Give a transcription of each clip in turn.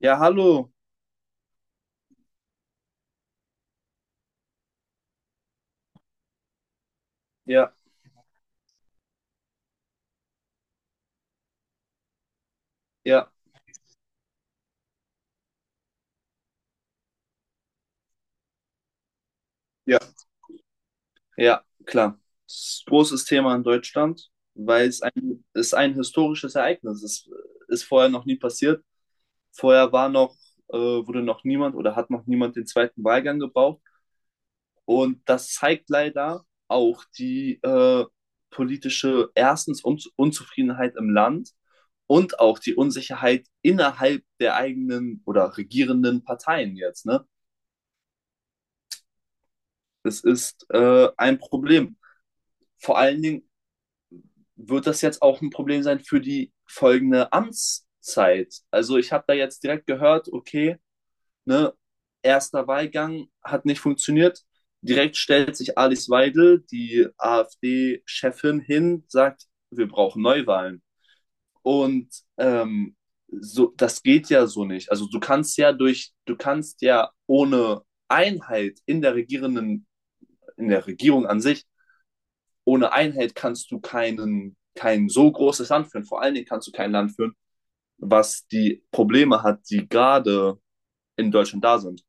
Ja, hallo. Ja, ja, ja, ja, klar. Das ist ein großes Thema in Deutschland, weil es ein historisches Ereignis ist. Ist vorher noch nie passiert. Vorher war noch, wurde noch niemand oder hat noch niemand den zweiten Wahlgang gebraucht. Und das zeigt leider auch die politische, erstens Unzufriedenheit im Land und auch die Unsicherheit innerhalb der eigenen oder regierenden Parteien jetzt, ne? Das ist ein Problem, vor allen Dingen wird das jetzt auch ein Problem sein für die folgende Amtszeit. Also ich habe da jetzt direkt gehört, okay, ne, erster Wahlgang hat nicht funktioniert. Direkt stellt sich Alice Weidel, die AfD-Chefin, hin, sagt, wir brauchen Neuwahlen. Und ähm, so, das geht ja so nicht. Also du kannst ja ohne Einheit in der Regierenden, in der Regierung an sich, ohne Einheit kannst du kein so großes Land führen. Vor allen Dingen kannst du kein Land führen, was die Probleme hat, die gerade in Deutschland da sind.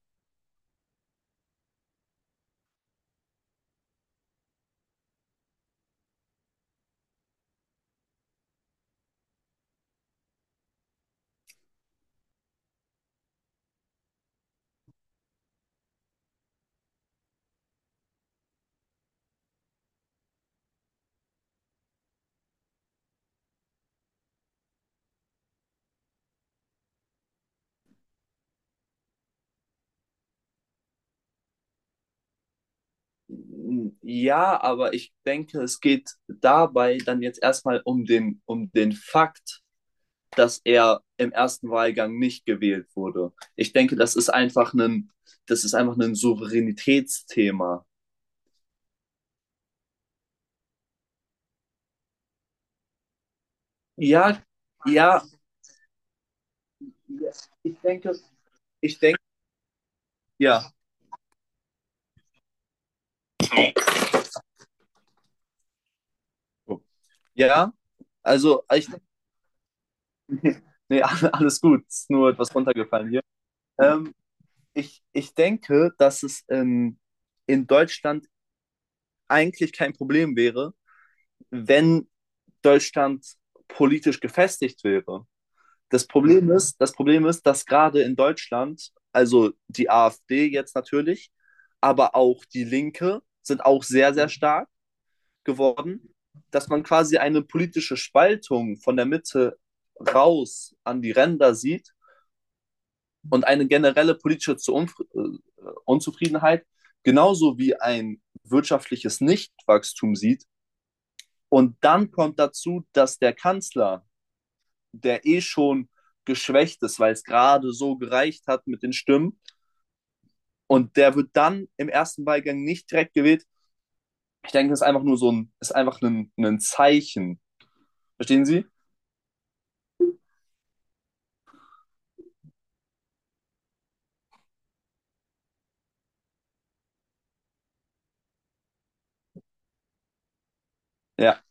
Ja, aber ich denke, es geht dabei dann jetzt erstmal um um den Fakt, dass er im ersten Wahlgang nicht gewählt wurde. Ich denke, das ist einfach ein Souveränitätsthema. Ja, ja, ich denke, ich denke, ja, ja. Also nee, alles gut. Ist nur etwas runtergefallen hier. Ähm, ich denke, dass es in Deutschland eigentlich kein Problem wäre, wenn Deutschland politisch gefestigt wäre. Das Problem ist, dass gerade in Deutschland, also die AfD jetzt natürlich, aber auch die Linke sind auch sehr, sehr stark geworden, dass man quasi eine politische Spaltung von der Mitte raus an die Ränder sieht und eine generelle politische Unzufriedenheit, genauso wie ein wirtschaftliches Nichtwachstum sieht. Und dann kommt dazu, dass der Kanzler, der eh schon geschwächt ist, weil es gerade so gereicht hat mit den Stimmen, und der wird dann im ersten Wahlgang nicht direkt gewählt. Ich denke, das ist einfach nur so ist einfach ein Zeichen. Verstehen Sie? Ja,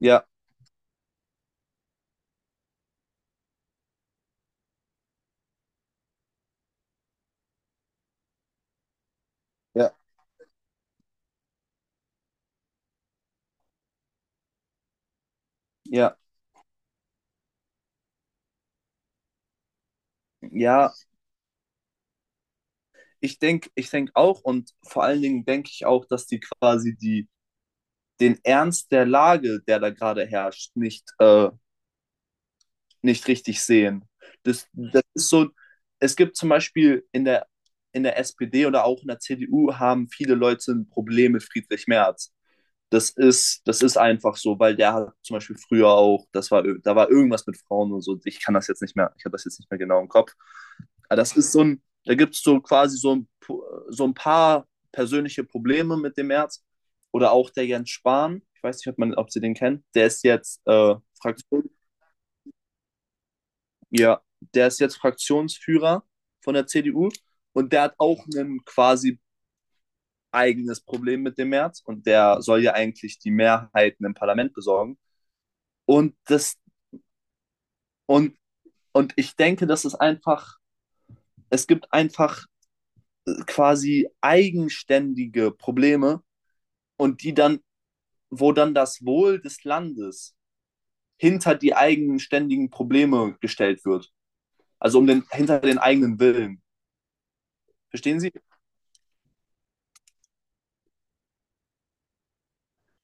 ja, ja, ja, ja. Ich denke auch, und vor allen Dingen denke ich auch, dass die quasi die den Ernst der Lage, der da gerade herrscht, nicht, nicht richtig sehen. Das ist so, es gibt zum Beispiel in in der SPD oder auch in der CDU haben viele Leute ein Problem mit Friedrich Merz. Das ist einfach so, weil der hat zum Beispiel früher auch, da war irgendwas mit Frauen und so. Ich kann das jetzt nicht mehr, ich habe das jetzt nicht mehr genau im Kopf. Aber das ist so ein, da gibt es so quasi so ein paar persönliche Probleme mit dem März. Oder auch der Jens Spahn, ich weiß nicht, ob Sie den kennen, der ist jetzt Fraktion, ja, der ist jetzt Fraktionsführer von der CDU, und der hat auch ein quasi eigenes Problem mit dem März, und der soll ja eigentlich die Mehrheiten im Parlament besorgen. Und das, und, und ich denke, das ist einfach, es gibt einfach quasi eigenständige Probleme, und wo dann das Wohl des Landes hinter die eigenständigen Probleme gestellt wird. Also um hinter den eigenen Willen. Verstehen Sie?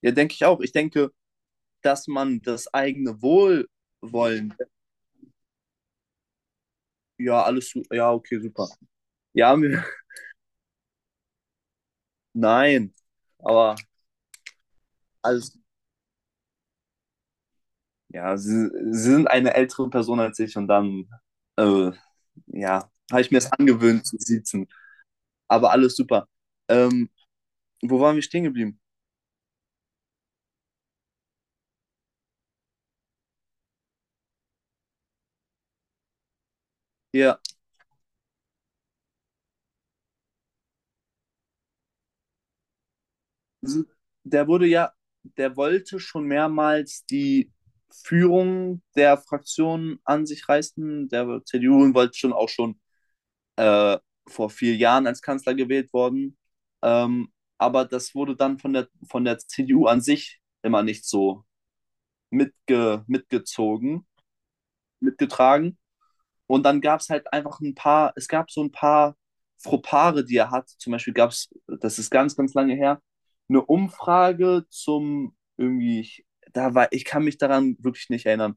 Ja, denke ich auch. Ich denke, dass man das eigene ja, ja, okay, super. Ja, mir- nein, aber alles ja, sie sind eine ältere Person als ich und dann, äh, ja, habe ich mir es angewöhnt zu siezen. Aber alles super. Ähm, wo waren wir stehen geblieben? Ja, sie- der wurde ja, der wollte schon mehrmals die Führung der Fraktion an sich reißen, der CDU, und wollte schon auch schon äh, vor 4 Jahren als Kanzler gewählt worden. Ähm, aber das wurde dann von von der CDU an sich immer nicht so mitgezogen, mitgetragen. Und dann gab es halt einfach ein paar, es gab so ein paar Fropare, die er hat. Zum Beispiel gab es, das ist ganz, ganz lange her, eine Umfrage zum irgendwie, da war, ich kann mich daran wirklich nicht erinnern,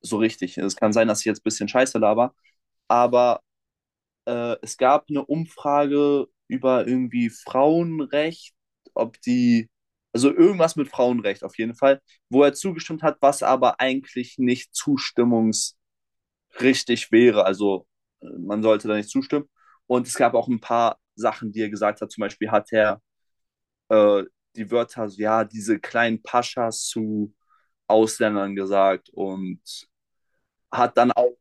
so richtig. Es kann sein, dass ich jetzt ein bisschen Scheiße laber, aber es gab eine Umfrage über irgendwie Frauenrecht, ob die, also irgendwas mit Frauenrecht auf jeden Fall, wo er zugestimmt hat, was aber eigentlich nicht zustimmungs richtig wäre. Also man sollte da nicht zustimmen. Und es gab auch ein paar Sachen, die er gesagt hat. Zum Beispiel hat er äh, die Wörter, so, ja, diese kleinen Paschas zu Ausländern gesagt, und hat dann auch,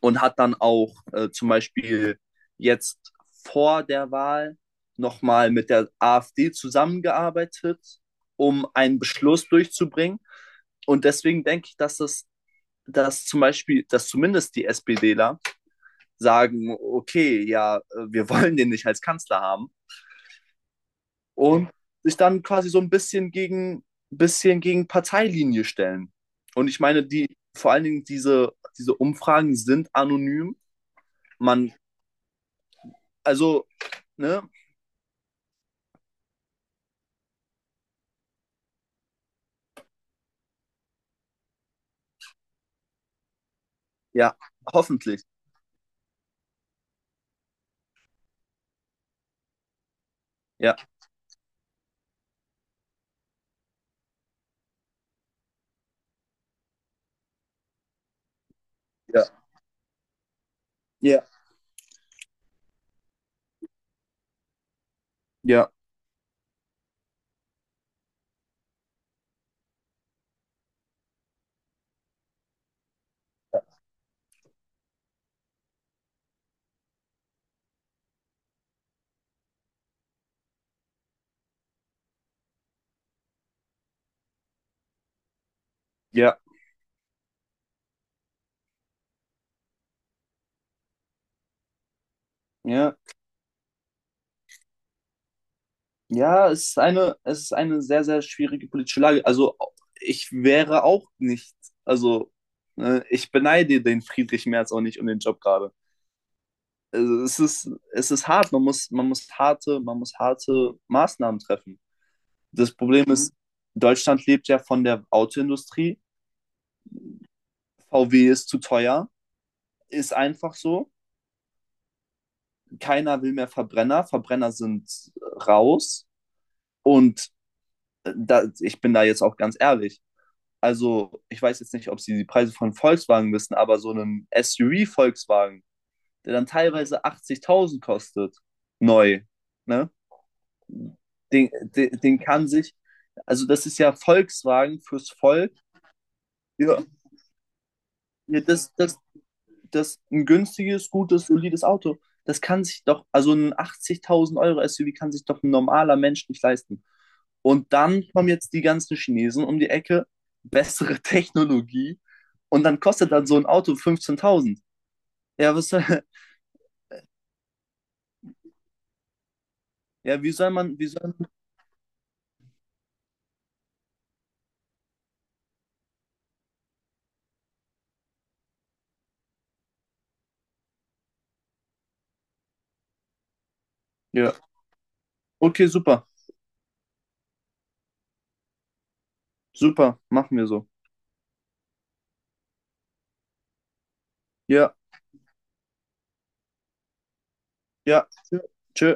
und hat dann auch zum Beispiel jetzt vor der Wahl nochmal mit der AfD zusammengearbeitet, um einen Beschluss durchzubringen. Und deswegen denke ich, dass dass zum Beispiel, dass zumindest die SPDler sagen, okay, ja, wir wollen den nicht als Kanzler haben, und sich dann quasi so ein bisschen gegen Parteilinie stellen. Und ich meine, vor allen Dingen diese Umfragen sind anonym. Man, also, ne, ja, hoffentlich. Ja, ja, ja, ja, ja, ja. Ja, es ist eine sehr, sehr schwierige politische Lage. Ich wäre auch nicht, also, ne, ich beneide den Friedrich Merz auch nicht um den Job gerade. Also es ist hart. Man muss harte Maßnahmen treffen. Das Problem ist, Deutschland lebt ja von der Autoindustrie. VW ist zu teuer, ist einfach so. Keiner will mehr Verbrenner. Verbrenner sind raus. Und ich bin da jetzt auch ganz ehrlich. Also, ich weiß jetzt nicht, ob Sie die Preise von Volkswagen wissen, aber so einem SUV-Volkswagen, der dann teilweise 80.000 kostet, neu, ne? Den kann sich, also das ist ja Volkswagen fürs Volk. Ja, ja das, das, das ein günstiges, gutes, solides Auto. Das kann sich doch, also ein 80.000 € SUV kann sich doch ein normaler Mensch nicht leisten. Und dann kommen jetzt die ganzen Chinesen um die Ecke, bessere Technologie, und dann kostet dann so ein Auto 15.000. Ja, was, soll- ja, wie soll man, ja, okay, super, super, machen wir so. Ja, ja, tschö.